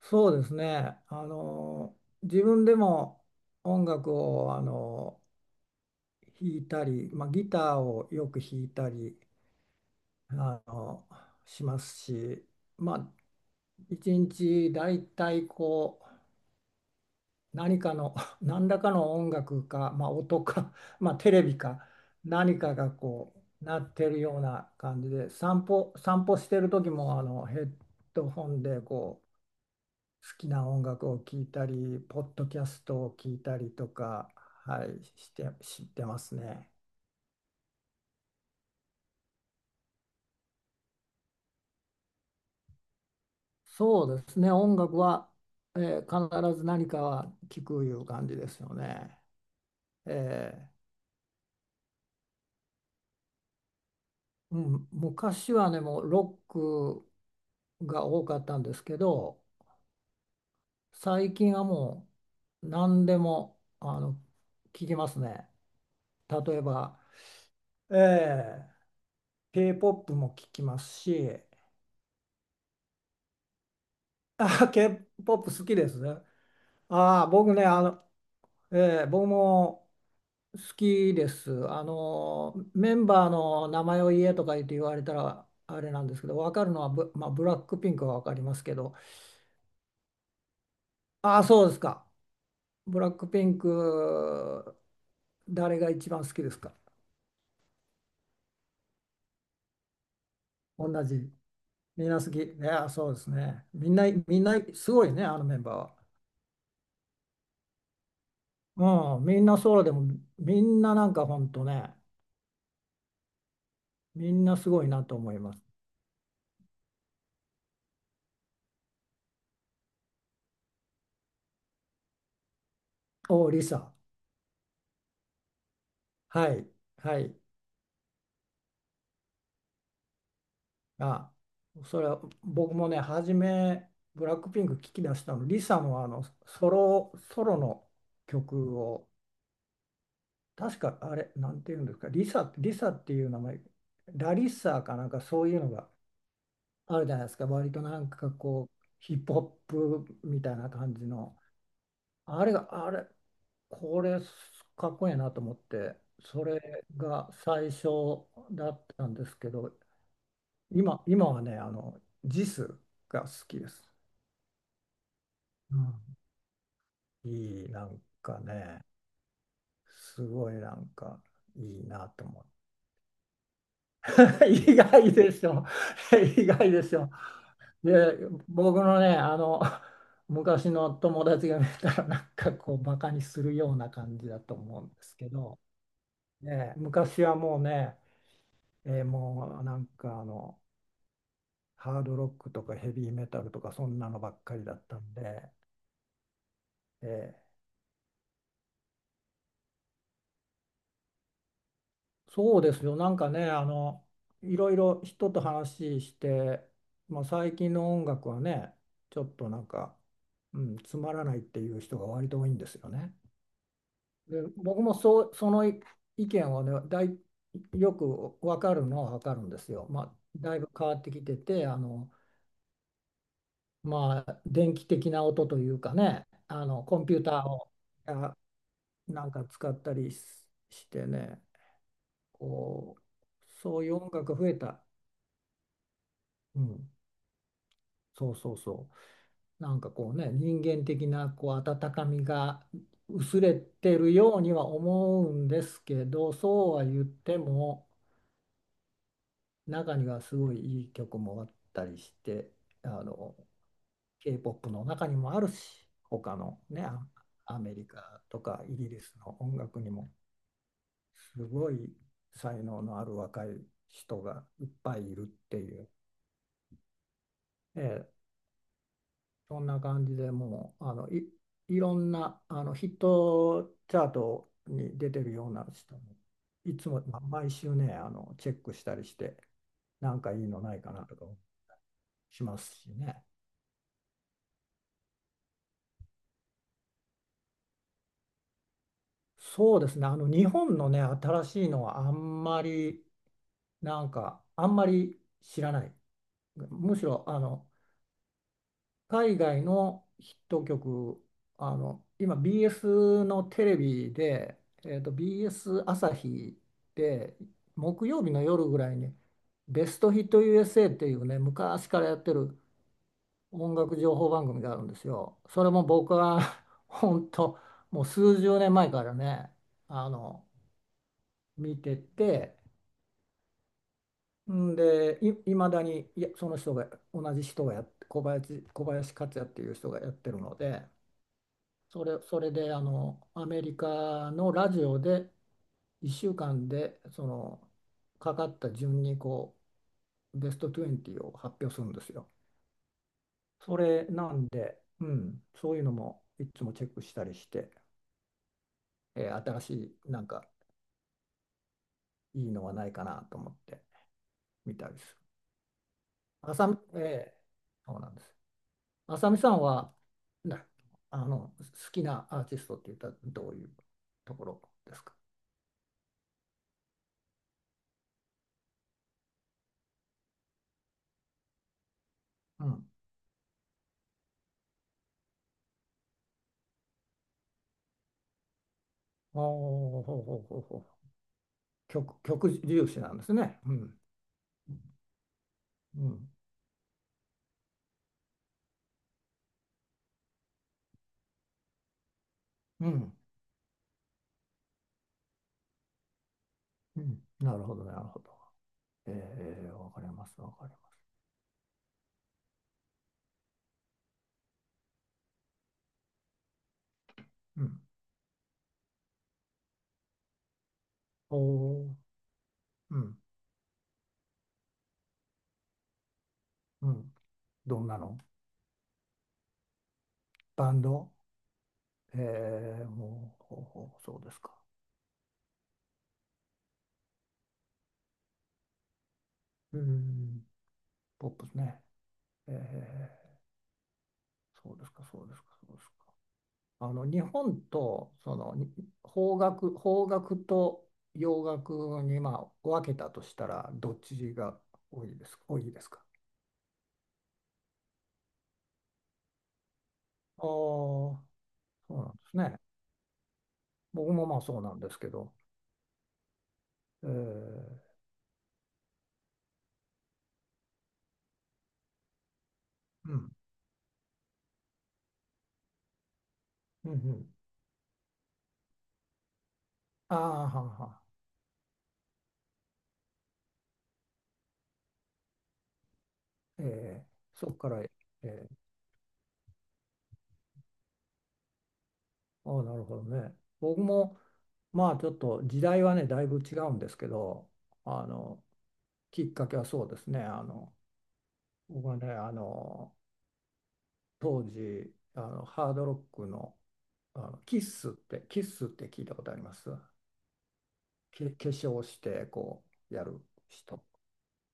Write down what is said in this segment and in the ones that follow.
そうですね。自分でも音楽を弾いたり、ギターをよく弾いたりあのしますし、まあ、一日だいたいこう何かの 何らかの音楽か、音か、テレビか何かがこうなってるような感じで散歩してる時もヘッドホンでこう好きな音楽を聴いたり、ポッドキャストを聴いたりとか、はい、して、知ってますね。そうですね、音楽は、えー必ず何かは聞くいう感じですよね。えーうん、昔はね、もうロックが多かったんですけど、最近はもう何でも聞きますね。例えば、え K-POP も聴きますし、あ、K-POP 好きですね。ああ、僕ね、あの、ええ僕も好きです。あの、メンバーの名前を言えとか言って言われたらあれなんですけど、分かるのはまあ、ブラックピンクは分かりますけど、ああ、そうですか。ブラックピンク、誰が一番好きですか？同じ。みんな好き。いや、そうですね。みんな、すごいね、あのメンバーは。うん、みんなそうでも、みんななんかほんとね、みんなすごいなと思います。おう、リサ。はい、はい。あ、それは僕もね、ブラックピンク聞き出したの、リサのあのソロの曲を、確かあれ、なんていうんですか、リサっていう名前、ラリッサーかなんかそういうのがあるじゃないですか、割となんかこう、ヒップホップみたいな感じの、あれが、あれ、これ、かっこいいなと思って、それが最初だったんですけど、今はね、あの、ジスが好きです。うん、いい、なんかね、すごいなんかいいなと思って。意外でしょ。意外でしょ。で、僕のね、あの、昔の友達が見たら、なんかこう、バカにするような感じだと思うんですけど、ね、昔はもうね、もうなんかあの、ハードロックとかヘビーメタルとか、そんなのばっかりだったんで、えーそうですよ。なんかね、あの、いろいろ人と話して、まあ、最近の音楽はね、ちょっとなんか、うん、つまらないっていう人が割と多いんですよね。で、僕もそう、その意見はね、よくわかるのはわかるんですよ。まあ、だいぶ変わってきてて、あの、まあ、電気的な音というかね、あの、コンピューターを、あなんか使ったりしてね、こう、そういう音楽が増えた。うん、そうそうそう。なんかこうね、人間的なこう温かみが薄れてるようには思うんですけど、そうは言っても、中にはすごいいい曲もあったりして、あの、K-POP の中にもあるし、他のね、アメリカとかイギリスの音楽にも、すごい才能のある若い人がいっぱいいるっていう。ええそんな感じでもういろんなあのヒットチャートに出てるような人もいつも、まあ、毎週ね、あのチェックしたりして、なんかいいのないかなとかしますしね。そうですね、あの、日本のね新しいのはあんまり、なんかあんまり知らない、むしろあの、海外のヒット曲、あの、今 BS のテレビで、えーと、BS 朝日で木曜日の夜ぐらいにベストヒット USA っていうね、昔からやってる音楽情報番組があるんですよ。それも僕は 本当もう数十年前からね、あの、見てて、んで、まだに、いや、その人が、同じ人がやって、小林克也っていう人がやってるので、それで、あのアメリカのラジオで1週間でそのかかった順にこうベスト20を発表するんですよ。それなんで、うん、そういうのもいつもチェックしたりして、新しいなんかいいのはないかなと思って見たりする。あさみ、ええそうなんです。あさみさんは、な、あの、好きなアーティストって言ったらどういうところですか？うん。おーほうほうほうほう。曲重視なんですね。うん。うん。うん。うん。なるほど、なるほど。えわかります、わかります。うん。おお、うん。うん。どんなのバンド、えもう、ほうほう、そうですか。うん。ポップスね。ええそうですか、そうですか、そうですか。あの、日本と、邦楽、と洋楽に、まあ、分けたとしたら、どっちが多いですか？ああ。そうなんですね。僕もまあそうなんですけど、えー、うん、うん、うん。ああ、はんはん。えー、そこから、えー、ああ、なるほどね。僕も、まあちょっと時代はね、だいぶ違うんですけど、あの、きっかけはそうですね。あの、僕はね、あの、当時、あの、ハードロックの、あの、キッスって聞いたことありますけ、化粧して、こう、やる人。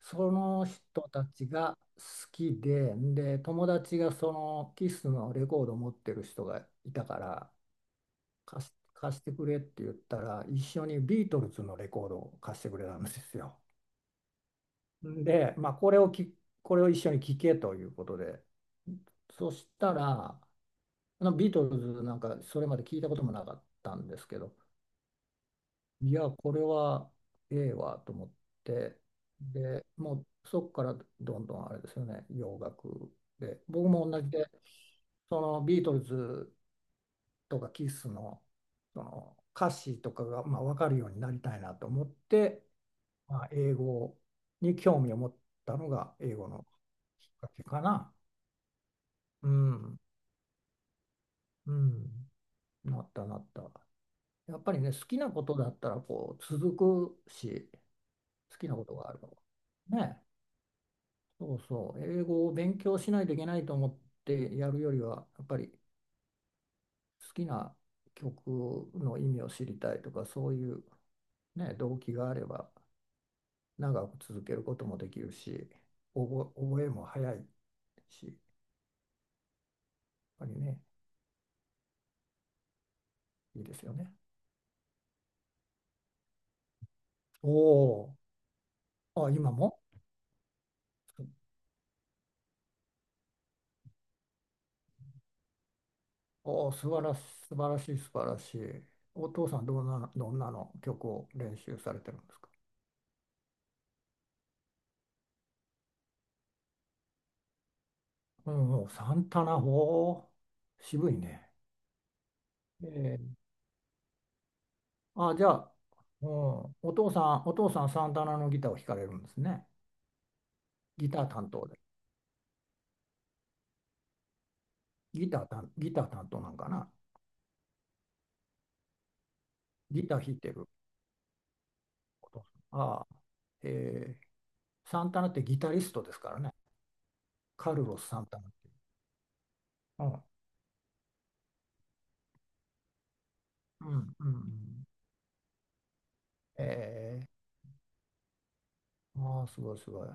その人たちが好きで、で、友達がそのキスのレコードを持ってる人がいたから、貸してくれって言ったら、一緒にビートルズのレコードを貸してくれたんですよ。で、まあ、これを一緒に聴けということで、そしたら、あのビートルズなんかそれまで聞いたこともなかったんですけど、いや、これはええわと思って、で、もうそこからどんどんあれですよね、洋楽で。僕も同じで、そのビートルズとかキスの、その歌詞とかがまあ分かるようになりたいなと思って、まあ、英語に興味を持ったのが英語のきっかけかな。うん、うん、なったなった。やっぱりね、好きなことだったらこう続くし、好きなことがあるのは。ね、そうそう、英語を勉強しないといけないと思ってやるよりは、やっぱり好きな曲の意味を知りたいとか、そういう、ね、動機があれば、長く続けることもできるし、覚えも早いし、やっぱりね、いいですよね。おお、あ、今も、おお、素晴らしい、素晴らしい、素晴らしい。お父さん、どんなの曲を練習されてるんですか？うん、サンタナ、渋いね。ええあ、じゃあ、うん、お父さん、サンタナのギターを弾かれるんですね。ギター担当で。ギター担当なんかな。ギター弾いてるお父さん。ああ、ええサンタナってギタリストですからね。カルロス・サンタナっていう。うん、うん、うん。うん、ええああ、すごい、すごい。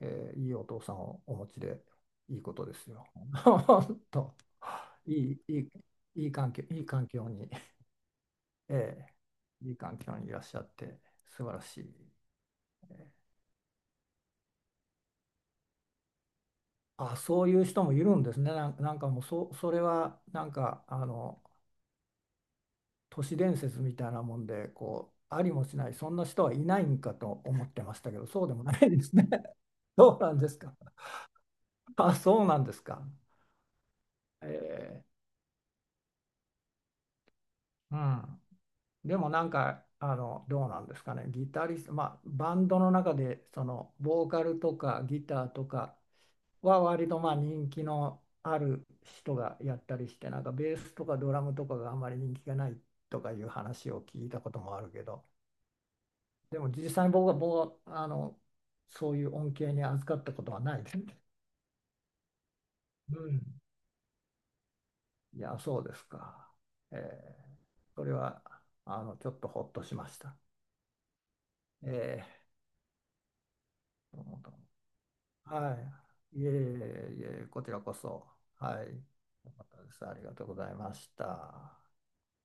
えー、いいお父さんをお持ちで、いいことですよ。本当、いい、いい、いい環境、いい環境に、えーいい環境にいらっしゃって素晴らしい。えー、あ、そういう人もいるんですね。なんかもうそれはなんかあの、都市伝説みたいなもんでこうありもしないそんな人はいないんかと思ってましたけど、そうでもないですね。どうなんですか？あ、そうなんですか。えうん、でもなんかあの、どうなんですかね、ギタリスト、まあ、バンドの中でそのボーカルとかギターとかは割とまあ人気のある人がやったりして、なんかベースとかドラムとかがあんまり人気がないとかいう話を聞いたこともあるけど、でも実際に僕はあの、そういう恩恵に預かったことはないです。うん、いやそうですか。えー、それはあのちょっとほっとしました。えー、はい。いえいえいえ、こちらこそ。はい。よかったです。ありがとうございました。